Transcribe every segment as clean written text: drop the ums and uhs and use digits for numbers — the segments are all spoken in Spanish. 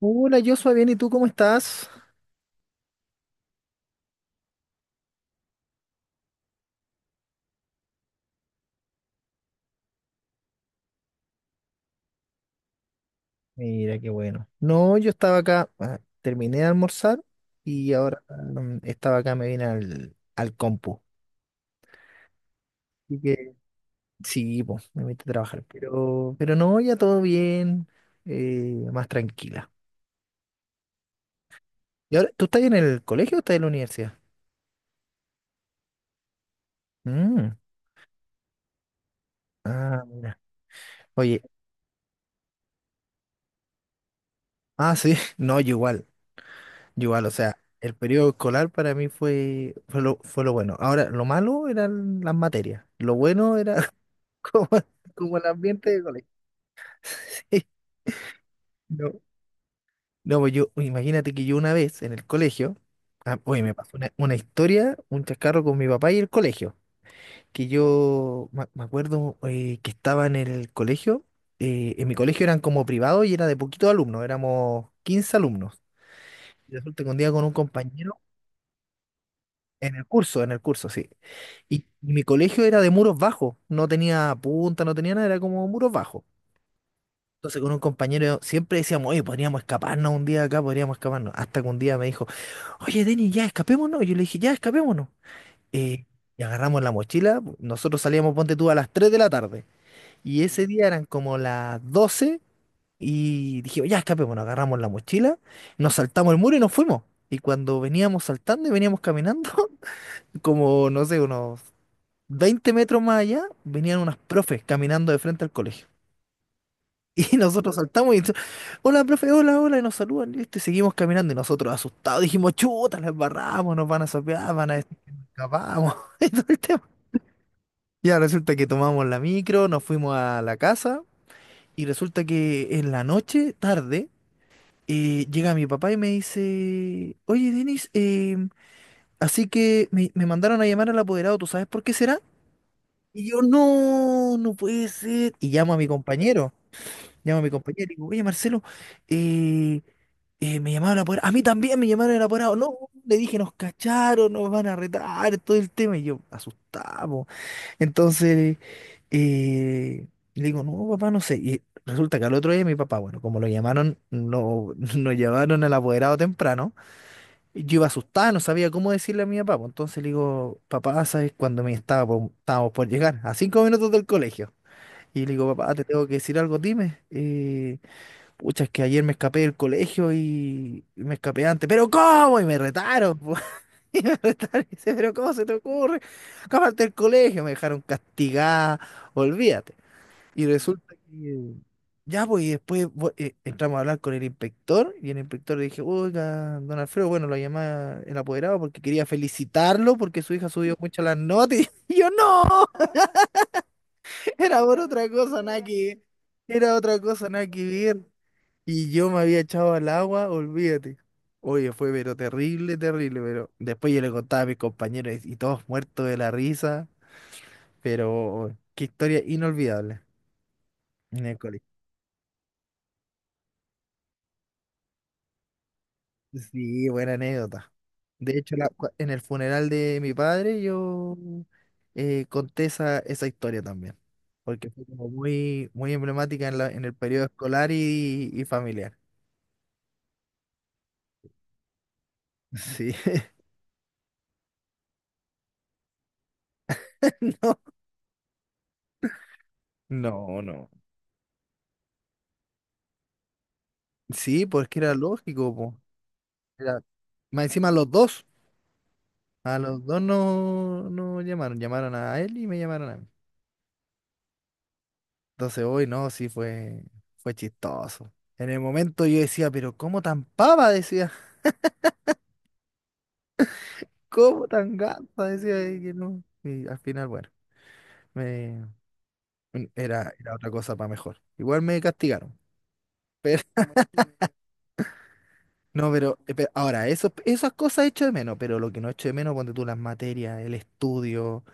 Hola, Joshua, bien, ¿y tú cómo estás? Mira, qué bueno. No, yo estaba acá, ah, terminé de almorzar y ahora estaba acá, me vine al compu. Así que sí, pues, me metí a trabajar. Pero no, ya todo bien, más tranquila. ¿Y ahora, tú estás en el colegio o estás en la universidad? Mm, ah, mira. Oye, ah, sí, no, yo igual, o sea, el periodo escolar para mí fue lo bueno. Ahora, lo malo eran las materias, lo bueno era como, como el ambiente de colegio. Sí, no. No, pues yo, pues imagínate que yo una vez en el colegio, ah, oye, me pasó una historia, un chascarro con mi papá y el colegio, que yo me acuerdo que estaba en el colegio, en mi colegio eran como privados y era de poquitos alumnos, éramos 15 alumnos. Y resulta que un día con un compañero, en el curso, sí. Y mi colegio era de muros bajos, no tenía punta, no tenía nada, era como muros bajos. Entonces con un compañero siempre decíamos, oye, podríamos escaparnos un día acá, podríamos escaparnos. Hasta que un día me dijo, oye, Denis, ya escapémonos. Yo le dije, ya escapémonos. Eh, y agarramos la mochila. Nosotros salíamos, ponte tú, a las 3 de la tarde. Y ese día eran como las 12 y dijimos, ya escapémonos. Agarramos la mochila, nos saltamos el muro y nos fuimos. Y cuando veníamos saltando y veníamos caminando, como, no sé, unos 20 metros más allá, venían unas profes caminando de frente al colegio. Y nosotros saltamos y hola, profe, hola, hola, y nos saludan, listo, y seguimos caminando. Y nosotros asustados dijimos, chuta, les barramos, nos van a sapear, van a decir que nos escapamos. Y todo el tema. Ya resulta que tomamos la micro, nos fuimos a la casa, y resulta que en la noche, tarde, llega mi papá y me dice, oye, Denis, así que me mandaron a llamar al apoderado, ¿tú sabes por qué será? Y yo, no, no puede ser. Y llamo a mi compañero y digo, oye, Marcelo, eh, me llamaron apurado. A mí también me llamaron apurado. No, le dije, nos cacharon, nos van a retar, todo el tema. Y yo, asustado. Entonces, eh, le digo, no, papá, no sé. Y resulta que al otro día mi papá, bueno, como lo llamaron, no, nos llevaron al apoderado temprano. Y yo iba asustada, no sabía cómo decirle a mi papá, po. Entonces le digo, papá, ¿sabes cuando estábamos por llegar? A 5 minutos del colegio. Y le digo, papá, te tengo que decir algo, dime. Pucha, es que ayer me escapé del colegio y me escapé antes. ¿Pero cómo? Y me retaron, po. Y me retaron. Y dice, ¿pero cómo se te ocurre? Escaparte del colegio. Me dejaron castigada. Olvídate. Y resulta que... Ya, pues, y después entramos a hablar con el inspector. Y el inspector le dije, oiga, don Alfredo, bueno, lo llamaba el apoderado porque quería felicitarlo porque su hija subió mucho las notas. Y yo, no, era por otra cosa, nada que ver. Era otra cosa, nada que ver. Y yo me había echado al agua, olvídate. Oye, fue pero terrible, terrible, pero después yo le contaba a mis compañeros y todos muertos de la risa, pero qué historia inolvidable en el colegio. Sí, buena anécdota. De hecho, en el funeral de mi padre yo conté esa historia también, porque fue como muy, muy emblemática en el periodo escolar y familiar. Sí, no, no, no. Sí, porque era lógico, po. Era- Más encima los dos, a los dos no llamaron, llamaron a él y me llamaron a mí. Entonces hoy no, sí fue chistoso. En el momento yo decía, pero ¿cómo tan pava? Decía, ¿cómo tan gata? Decía y que no. Y al final, bueno, me, era otra cosa para mejor. Igual me castigaron. Pero, no, pero, ahora, esas cosas echo de menos, pero lo que no echo de menos, ponte tú las materias, el estudio.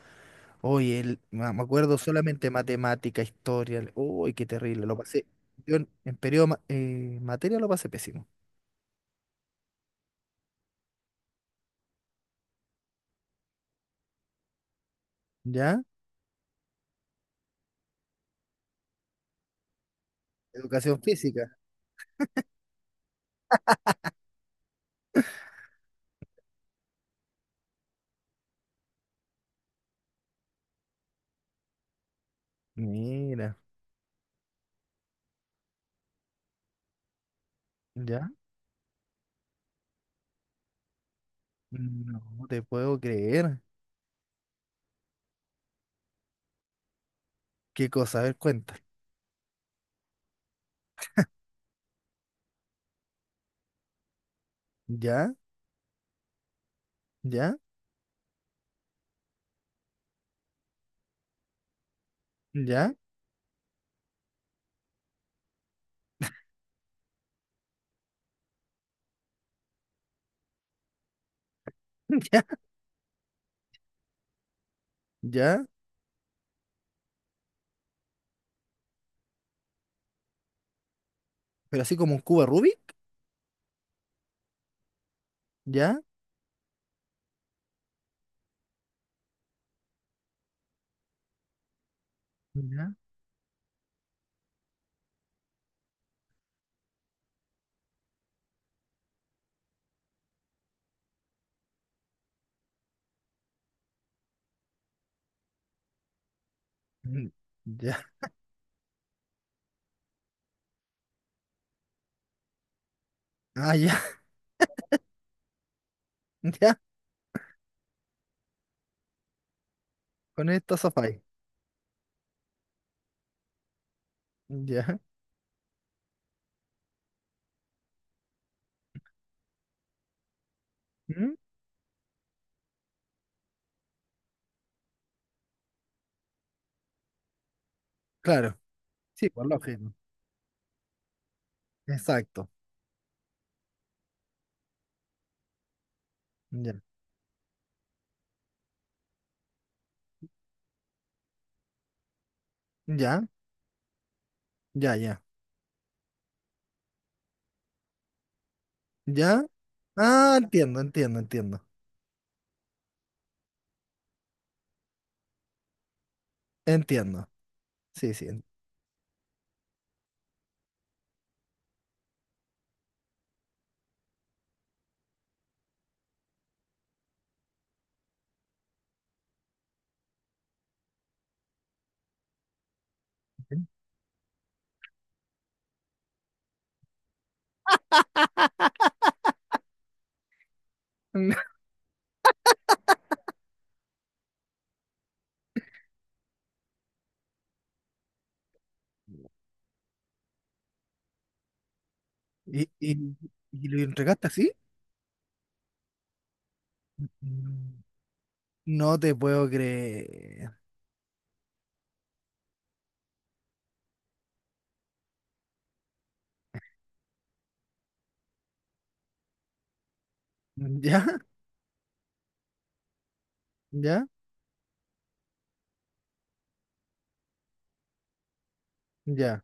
Hoy me acuerdo solamente matemática, historia. Uy, qué terrible. Lo pasé. Yo en periodo materia lo pasé pésimo. ¿Ya? Educación física. Mira, ¿ya? No te puedo creer. Qué cosa, a ver, cuenta. ¿Ya? ¿Ya? ¿Ya? ¿Ya? ¿Ya? Pero así como un cubo Rubik. ¿Ya? ¿Ya? Mm, ¿ya? Ah, ya, ya. Con esto sofá. ¿Ya? ¿Mm? Claro. Sí, por lógico. Exacto. Ya. Ya, ya, ya. ¿Ya? Ah, entiendo, entiendo, entiendo. Entiendo. Sí, sí. Entiendo. ¿Y, y, y lo entregaste así? Mm. No te puedo creer. ¿Ya? ¿Ya? ¿Ya?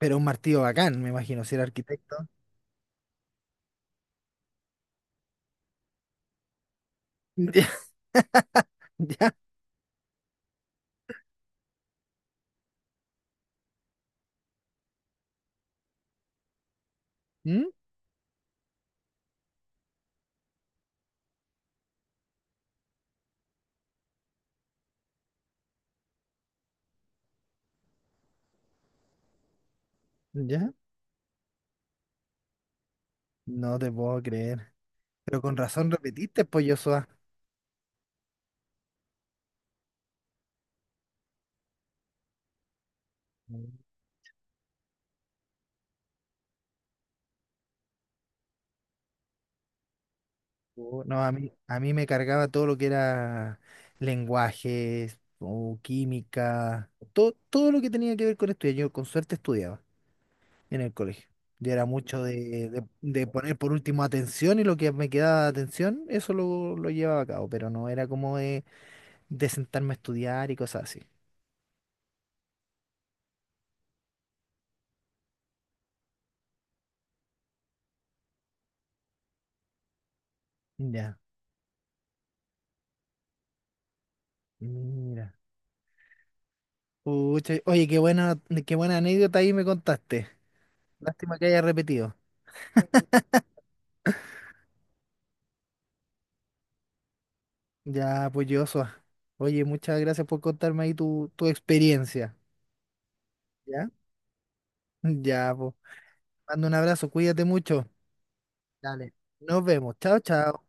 Pero un martillo bacán, me imagino, si era arquitecto. ¿Ya? ¿Ya? ¿Mm? ¿Ya? No te puedo creer. Pero con razón repetiste, pues, Joshua. Oh, no, a mí me cargaba todo lo que era lenguajes, o química, todo, todo lo que tenía que ver con estudiar. Yo con suerte estudiaba en el colegio. Yo era mucho de, de poner por último atención y lo que me quedaba de atención, eso lo llevaba a cabo, pero no era como de sentarme a estudiar y cosas así. Ya, mira. Pucha, oye, qué buena anécdota ahí me contaste. Lástima que haya repetido. Ya, pues, Joshua. Oye, muchas gracias por contarme ahí tu experiencia. ¿Ya? Ya, pues. Mando un abrazo, cuídate mucho. Dale. Nos vemos. Chao, chao.